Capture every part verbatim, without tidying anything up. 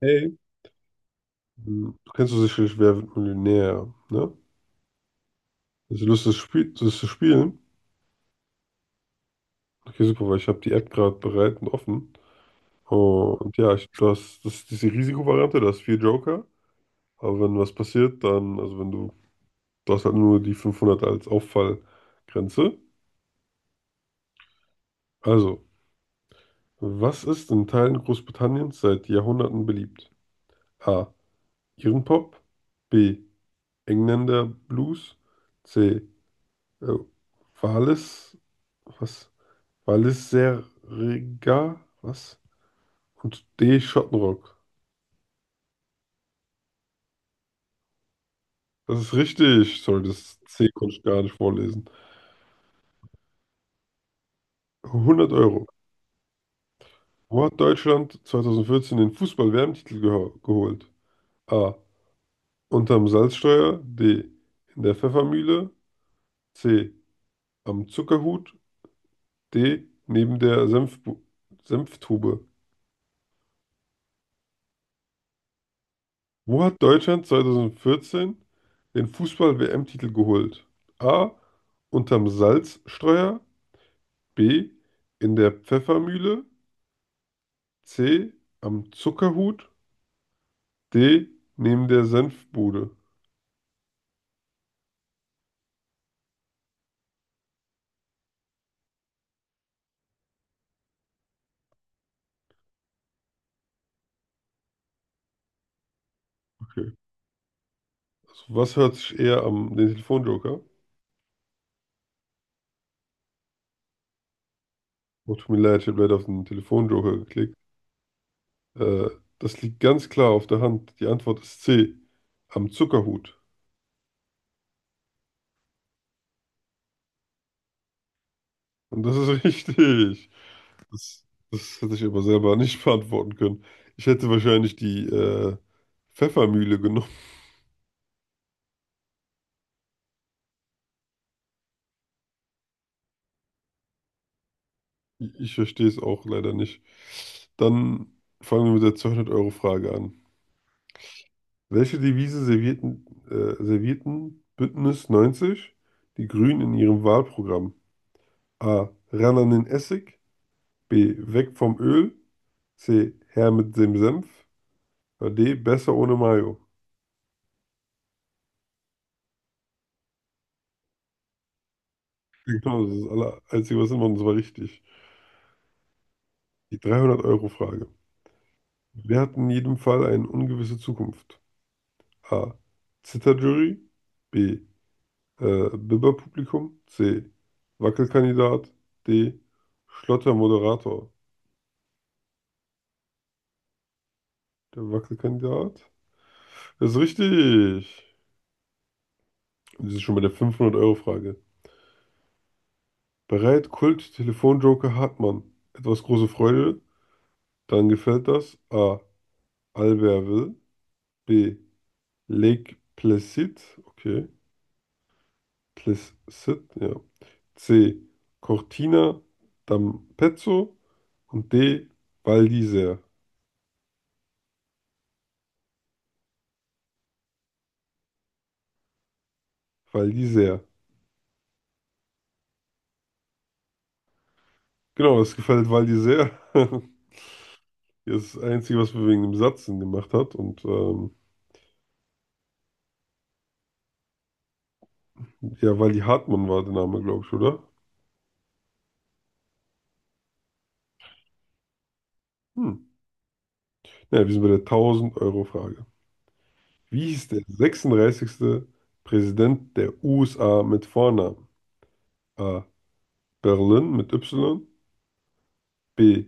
Hey. Hm, Du Kennst du sicherlich Wer wird Millionär, ne? Hast du Lust, das Spiel, das zu spielen? Okay, super, weil ich habe die App gerade bereit und offen. Oh, und ja, ich, du hast, das ist diese Risikovariante, du hast vier Joker. Aber wenn was passiert, dann, also wenn du, du hast halt nur die fünfhundert als Auffallgrenze. Also, was ist in Teilen Großbritanniens seit Jahrhunderten beliebt? A. Irrenpop. B. Engländer Blues. C. Äh, Wales. Was? Balenciaga, was? Und D. Schottenrock. Das ist richtig. Sorry, das C konnte ich gar nicht vorlesen. hundert Euro. Wo hat Deutschland zwanzig vierzehn den Fußball-W M-Titel geho geholt? A. Unterm Salzsteuer. D. In der Pfeffermühle. C. Am Zuckerhut. D. Neben der Senfbu Senftube. Wo hat Deutschland zwanzig vierzehn den Fußball-W M-Titel geholt? A. Unterm Salzsteuer. B. In der Pfeffermühle. C. Am Zuckerhut. D. Neben der Senfbude. Okay. Also was hört sich eher am den Telefonjoker? Oh, tut mir leid, ich habe leider auf den Telefonjoker geklickt. Äh, Das liegt ganz klar auf der Hand. Die Antwort ist C. Am Zuckerhut. Und das ist richtig. Das, das hätte ich aber selber nicht beantworten können. Ich hätte wahrscheinlich die äh, Pfeffermühle genommen. Ich, ich verstehe es auch leider nicht. Dann fangen wir mit der zweihundert-Euro-Frage an. Welche Devise servierten, äh, servierten Bündnis neunzig, die Grünen, in ihrem Wahlprogramm? A. Ran an den Essig. B. Weg vom Öl. C. Her mit dem Senf. Oder D. Besser ohne Mayo. Genau, das ist das aller- Einzige, was immer, und zwar richtig. Die dreihundert-Euro-Frage. Wer hat in jedem Fall eine ungewisse Zukunft? A. Zitterjury. B. Äh, Bibber-Publikum. C. Wackelkandidat. D. Schlottermoderator. Der Wackelkandidat ist richtig. Und das ist schon bei der fünfhundert-Euro-Frage. Bereit, Kult, Telefonjoker, Hartmann. Etwas große Freude. Dann gefällt das. A. Albertville. B. Lake Placid. Okay. Placid, ja. C. Cortina d'Ampezzo. Und D. Val d'Isère. Val d'Isère. Genau, es gefällt Waldi sehr. Ja, das ist das Einzige, was wir wegen dem Satz Sinn gemacht hat. Und ähm, ja, Waldi Hartmann war der Name, glaube ich, oder? Hm. Ja, wir sind bei der tausend euro frage. Wie hieß der sechsunddreißigste Präsident der U S A mit Vornamen? A. Berlin mit Y. B.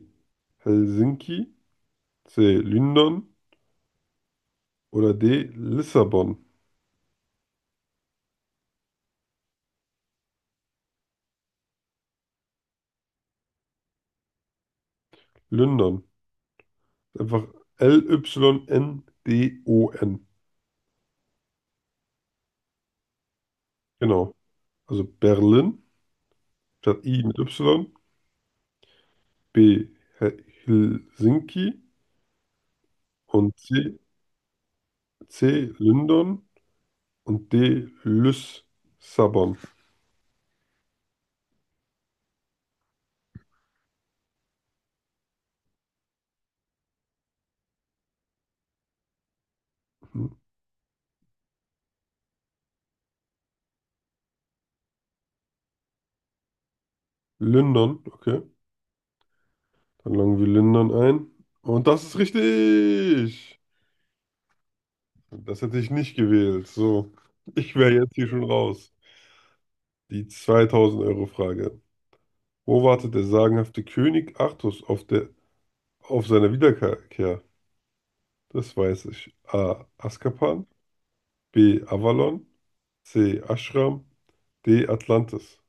Helsinki. C. London. Oder D. Lissabon. London. Einfach L-Y-N-D-O-N. Genau. Also Berlin statt I mit Y. B. Hel- Helsinki. Und C. C. London. Und D. Lissabon. Mhm. London, okay. Dann loggen wir London ein. Und das ist richtig! Das hätte ich nicht gewählt. So, ich wäre jetzt hier schon raus. Die zweitausend-Euro-Frage. Wo wartet der sagenhafte König Artus auf der, auf seiner Wiederkehr? Das weiß ich. A. Azkaban. B. Avalon. C. Ashram. D. Atlantis.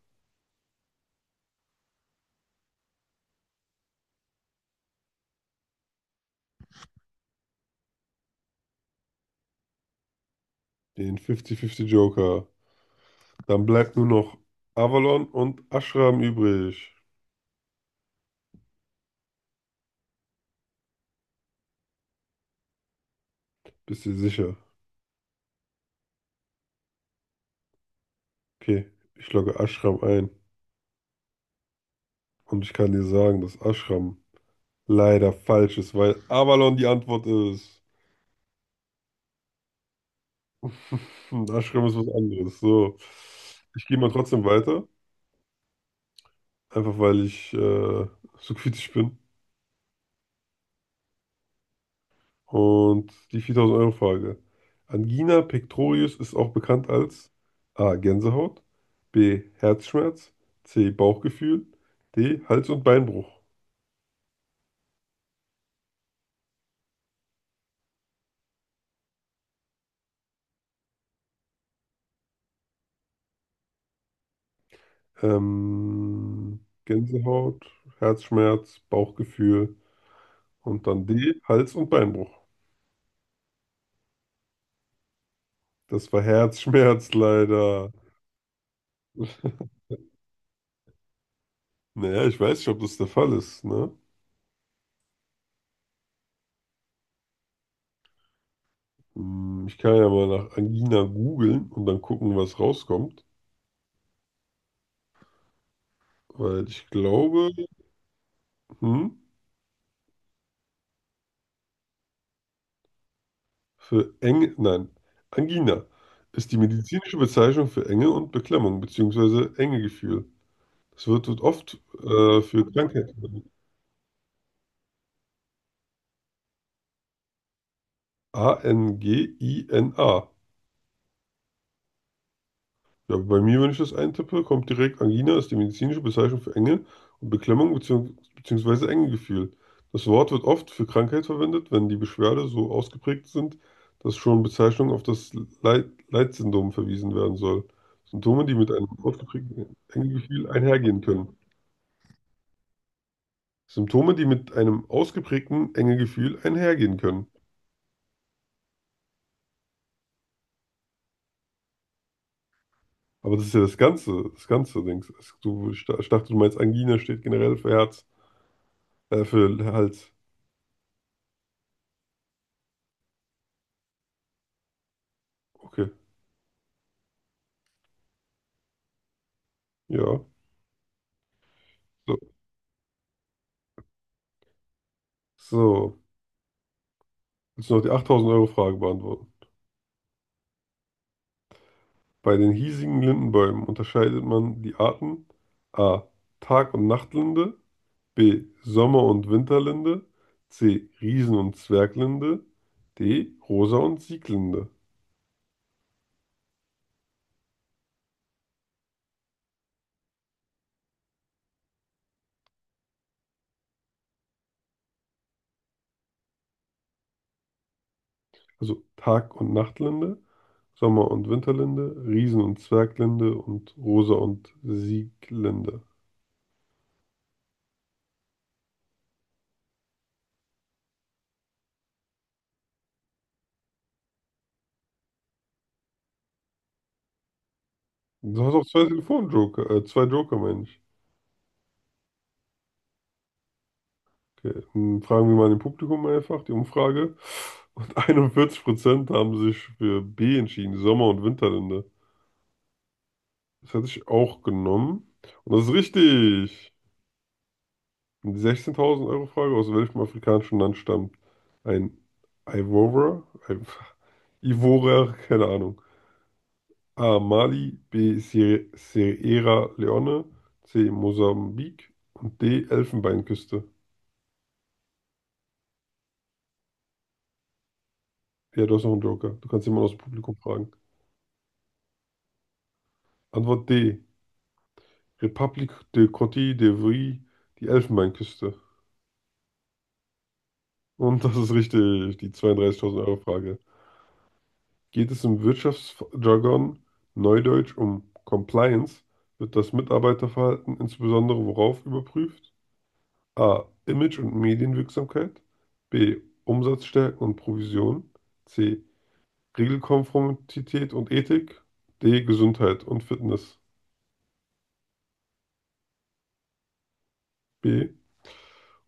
Den fünfzig fünfzig Joker. Dann bleibt nur noch Avalon und Ashram übrig. Bist du sicher? Okay, ich logge Ashram ein. Und ich kann dir sagen, dass Ashram leider falsch ist, weil Avalon die Antwort ist. Und Ashram ist was anderes. So. Ich gehe mal trotzdem weiter. Einfach, weil ich äh, so kritisch bin. Und die viertausend euro frage. Angina pectoris ist auch bekannt als A. Gänsehaut, B. Herzschmerz, C. Bauchgefühl, D. Hals- und Beinbruch. Ähm, Gänsehaut, Herzschmerz, Bauchgefühl und dann D. Hals- und Beinbruch. Das war Herzschmerz leider. Naja, ich weiß nicht, ob das der Fall ist, ne? Hm, Ich kann ja mal nach Angina googeln und dann gucken, was rauskommt. Weil ich glaube, hm, Für Eng, nein, Angina ist die medizinische Bezeichnung für Enge und Beklemmung beziehungsweise Engegefühl. Es wird wird oft äh, für Krankheit verwendet. A-N-G-I-N-A. Ja, bei mir, wenn ich das eintippe, kommt direkt: Angina ist die medizinische Bezeichnung für Enge und Beklemmung bzw. bzw. Engegefühl. Das Wort wird oft für Krankheit verwendet, wenn die Beschwerde so ausgeprägt sind, dass schon Bezeichnung auf das Leid Leitsyndrom verwiesen werden soll. Symptome, die mit einem ausgeprägten Engegefühl einhergehen können. Symptome, die mit einem ausgeprägten Engegefühl einhergehen können. Aber das ist ja das ganze, das ganze Ding. Es- Du, ich da- ich dachte, du meinst, Angina steht generell für Herz, äh, für Hals. Okay, ja. So. So. Willst du noch die achttausend-Euro-Frage beantworten? Bei den hiesigen Lindenbäumen unterscheidet man die Arten A. Tag- und Nachtlinde, B. Sommer- und Winterlinde, C. Riesen- und Zwerglinde, D. Rosa- und Sieglinde. Also Tag- und Nachtlinde, Sommer- und Winterlinde, Riesen- und Zwerglinde und Rosa- und Sieglinde. Du hast auch zwei Telefonjoker, äh, zwei Joker, meine ich. Okay. Dann fragen wir mal im Publikum einfach die Umfrage. Und einundvierzig Prozent haben sich für B entschieden, Sommer- und Winterlinde. Das hätte ich auch genommen. Und das ist richtig. Die sechzehntausend Euro Frage: aus welchem afrikanischen Land stammt ein Ivorer? Ein Ivorer, keine Ahnung. A. Mali. B. Sier- Sierra Leone. C. Mosambik. Und D. Elfenbeinküste. Ja, du hast noch einen Joker. Du kannst jemanden aus dem Publikum fragen. Antwort D. Republik de Côte d'Ivoire, die Elfenbeinküste. Und das ist richtig. Die zweiunddreißigtausend Euro Frage: Geht es im Wirtschaftsjargon, Neudeutsch, um Compliance? Wird das Mitarbeiterverhalten insbesondere worauf überprüft? A. Image und Medienwirksamkeit. B. Umsatzstärke und Provision. C. Regelkonformität und Ethik. D. Gesundheit und Fitness. B.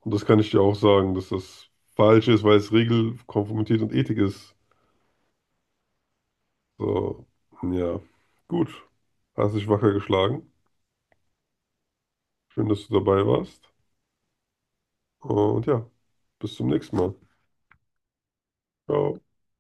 Und das kann ich dir auch sagen, dass das falsch ist, weil es Regelkonformität und Ethik ist. So, ja. Gut. Hast dich wacker geschlagen. Schön, dass du dabei warst. Und ja, bis zum nächsten Mal. Ciao.